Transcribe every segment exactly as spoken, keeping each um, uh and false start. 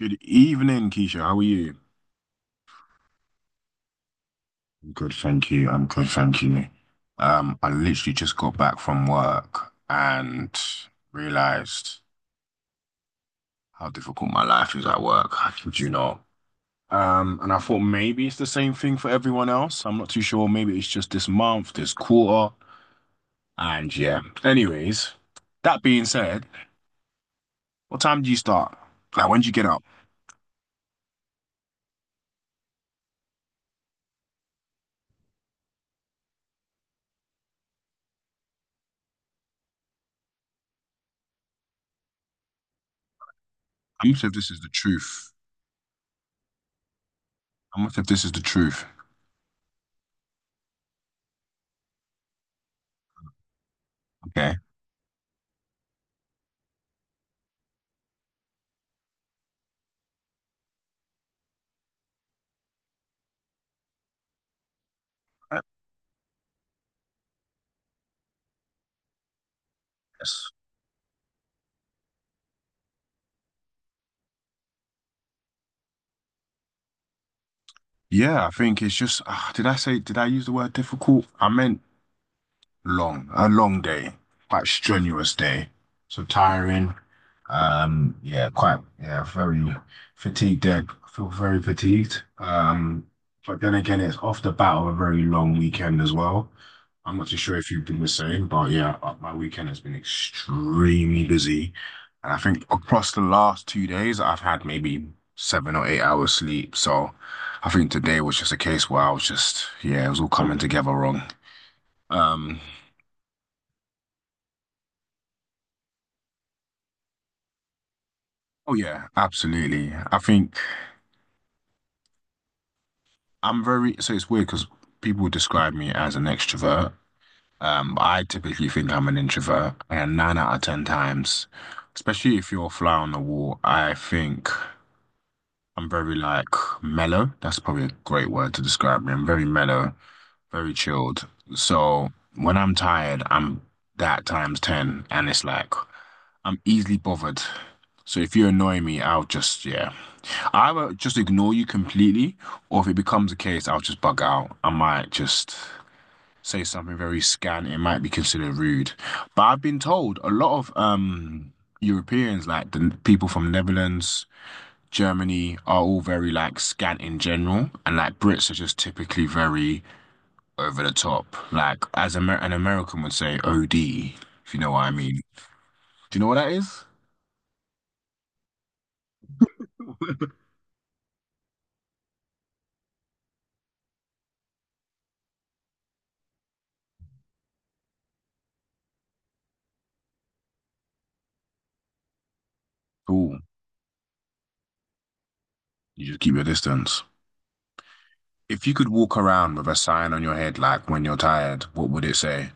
Good evening, Keisha. How are you? Good, thank you. I'm good, thank you. Um, I literally just got back from work and realized how difficult my life is at work. I kid you not. Um, and I thought maybe it's the same thing for everyone else. I'm not too sure. Maybe it's just this month, this quarter. And yeah. Anyways, that being said, what time do you start? Like, when do you get up? I'm not sure if this is the truth. I'm not sure if this is the truth. Okay. Yes. Yeah, I think it's just, ah, did I say, did I use the word difficult? I meant long, a long day, quite strenuous day. So tiring. Um, yeah, quite, yeah, very fatigued there. I feel very fatigued. Um, but then again, it's off the bat of a very long weekend as well. I'm not too sure if you've been the same, but yeah, uh, my weekend has been extremely busy. And I think across the last two days, I've had maybe seven or eight hours sleep. So I think today was just a case where I was just, yeah, it was all coming together wrong. Um, Oh yeah, absolutely. I think I'm very, so it's weird because people describe me as an extrovert. Um, but I typically think I'm an introvert, and nine out of ten times, especially if you're a fly on the wall, I think I'm very like mellow. That's probably a great word to describe me. I'm very mellow, very chilled. So when I'm tired, I'm that times ten, and it's like I'm easily bothered. So if you annoy me, I'll just, yeah. I will just ignore you completely, or if it becomes a case, I'll just bug out. I might just say something very scant. It might be considered rude. But I've been told a lot of um Europeans, like the n- people from Netherlands, Germany, are all very like scant in general, and like Brits are just typically very over the top. Like as Amer an American would say, O D, if you know what I mean. Do you know what that is? Cool. You just keep your distance. If you could walk around with a sign on your head, like when you're tired, what would it say?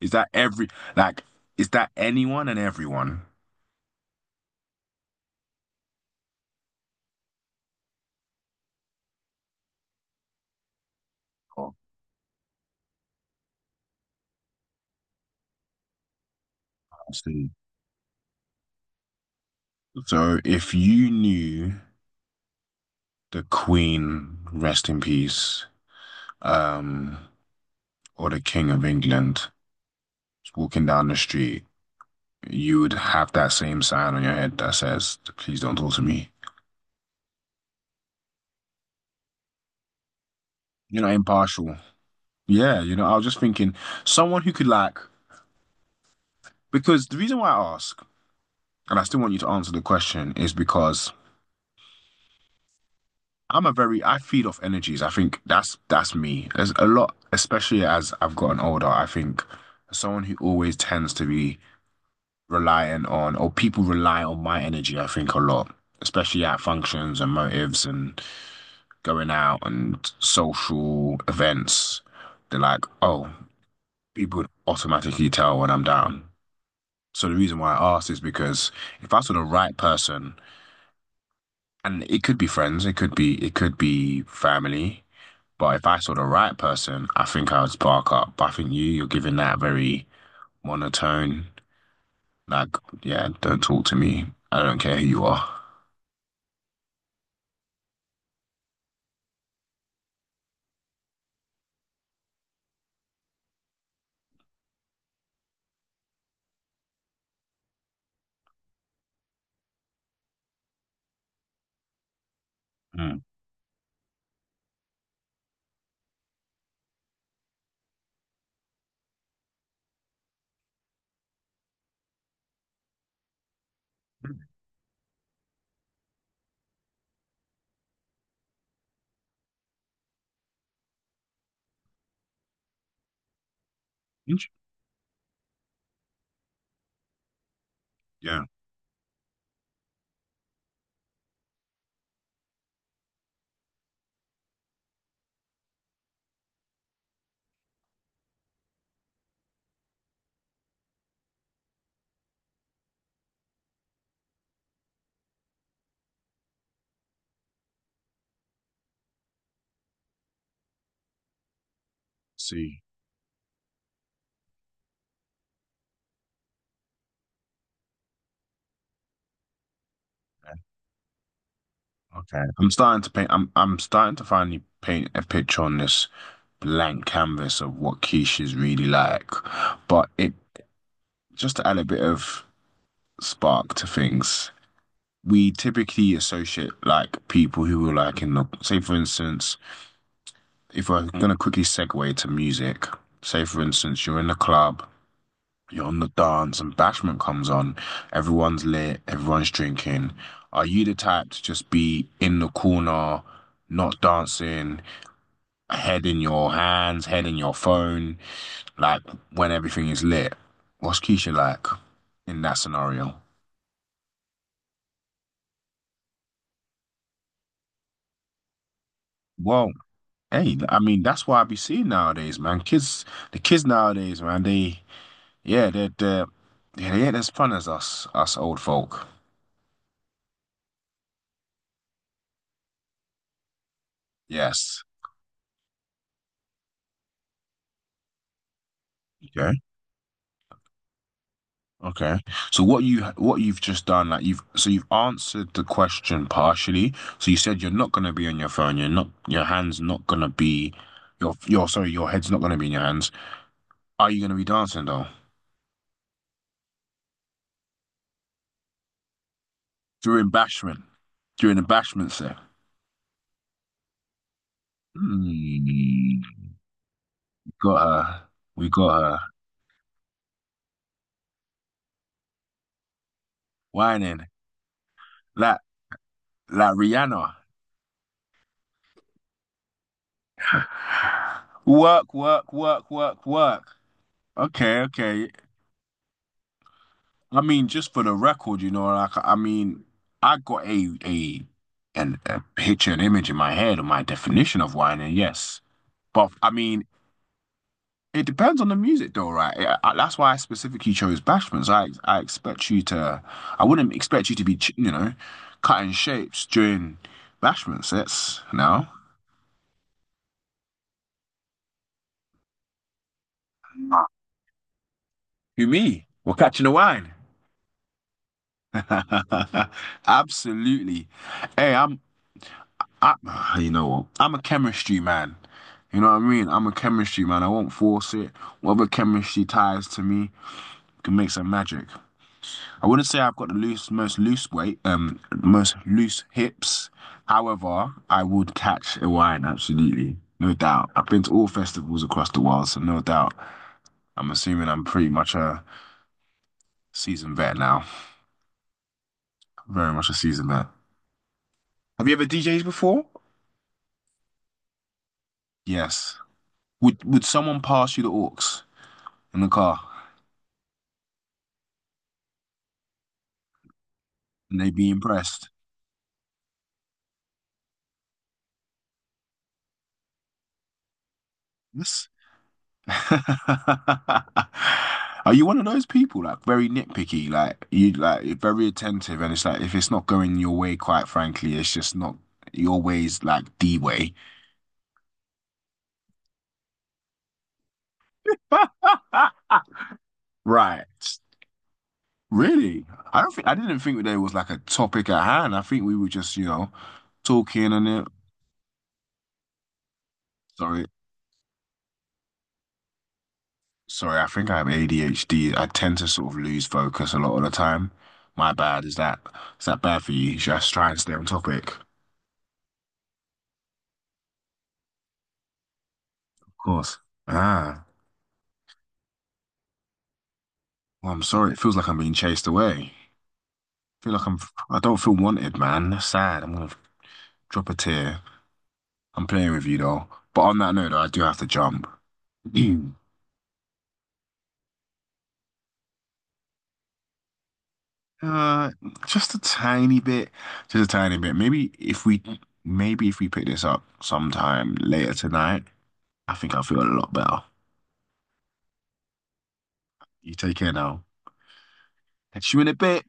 Is that every, like, is that anyone and everyone? Oh, I see. So if you knew the Queen, rest in peace, um, or the King of England was walking down the street, you would have that same sign on your head that says, please don't talk to me. You're not impartial. Yeah, you know, I was just thinking someone who could like, because the reason why I ask, and I still want you to answer the question, is because I'm a very I feed off energies. I think that's that's me. There's a lot, especially as I've gotten older. I think someone who always tends to be reliant on, or people rely on my energy. I think a lot, especially at functions and motives and going out and social events. They're like, oh, people automatically tell when I'm down. So the reason why I asked is because if I saw the right person. And it could be friends, it could be it could be family. But if I saw the right person, I think I would spark up. But I think you, you're giving that very monotone, like, yeah, don't talk to me. I don't care who you are. Hmm. Int- Yeah, see. Okay. I'm starting to paint I'm I'm starting to finally paint a picture on this blank canvas of what Keisha's really like. But it Just to add a bit of spark to things, we typically associate like people who are like in the say, for instance, if we're gonna quickly segue to music, say for instance, you're in the club, you're on the dance and bashment comes on, everyone's lit, everyone's drinking. Are you the type to just be in the corner, not dancing, head in your hands, head in your phone, like when everything is lit, what's Keisha like in that scenario? Well, hey, I mean that's what I be seeing nowadays, man. Kids, the kids nowadays, man. They, yeah, they're, they're yeah, they ain't as fun as us, us old folk. Yes. Okay. Okay. So what you what you've just done, like you've, so you've answered the question partially. So you said you're not gonna be on your phone. You're not. Your hands not gonna be. Your your sorry. Your head's not gonna be in your hands. Are you gonna be dancing though during bashment? During the bashment set? Hmm. Got her. We got her whining. Like like Rihanna. Work, work, work, work, work. Okay, okay. I mean, just for the record, you know, like I mean, I got a a an a picture, an image in my head of my definition of wine, and yes, but I mean, it depends on the music, though, right? I, I- that's why I specifically chose Bashmans. I I expect you to, I wouldn't expect you to be, ch- you know, cutting shapes during Bashmans. That's now. You me? We're catching the wine. Absolutely. Hey, I'm I, you know what? I'm a chemistry man. You know what I mean? I'm a chemistry man. I won't force it. Whatever chemistry ties to me can make some magic. I wouldn't say I've got the loose most loose weight, um most loose hips. However, I would catch a wine, absolutely. No doubt. I've been to all festivals across the world, so no doubt. I'm assuming I'm pretty much a seasoned vet now. Very much a seasoned vet. Have you ever DJed before? Yes. Would would someone pass you the aux in the car and they'd be impressed? Yes. Are you one of those people like very nitpicky, like you like you're very attentive, and it's like if it's not going your way, quite frankly, it's just not your way's like the way. Right. Really? I don't think I didn't think there was like a topic at hand. I think we were just, you know, talking and it. Sorry. Sorry, I think I have A D H D. I tend to sort of lose focus a lot of the time. My bad. Is that is that bad for you? Should I just try and stay on topic? Of course. Ah, well, I'm sorry. It feels like I'm being chased away. I feel like I'm. I don't feel wanted, man. That's sad. I'm gonna drop a tear. I'm playing with you though. But on that note, though, I do have to jump. Uh, just a tiny bit. Just a tiny bit. Maybe if we, maybe if we pick this up sometime later tonight, I think I'll feel a lot better. You take care now. Je me l'ai pas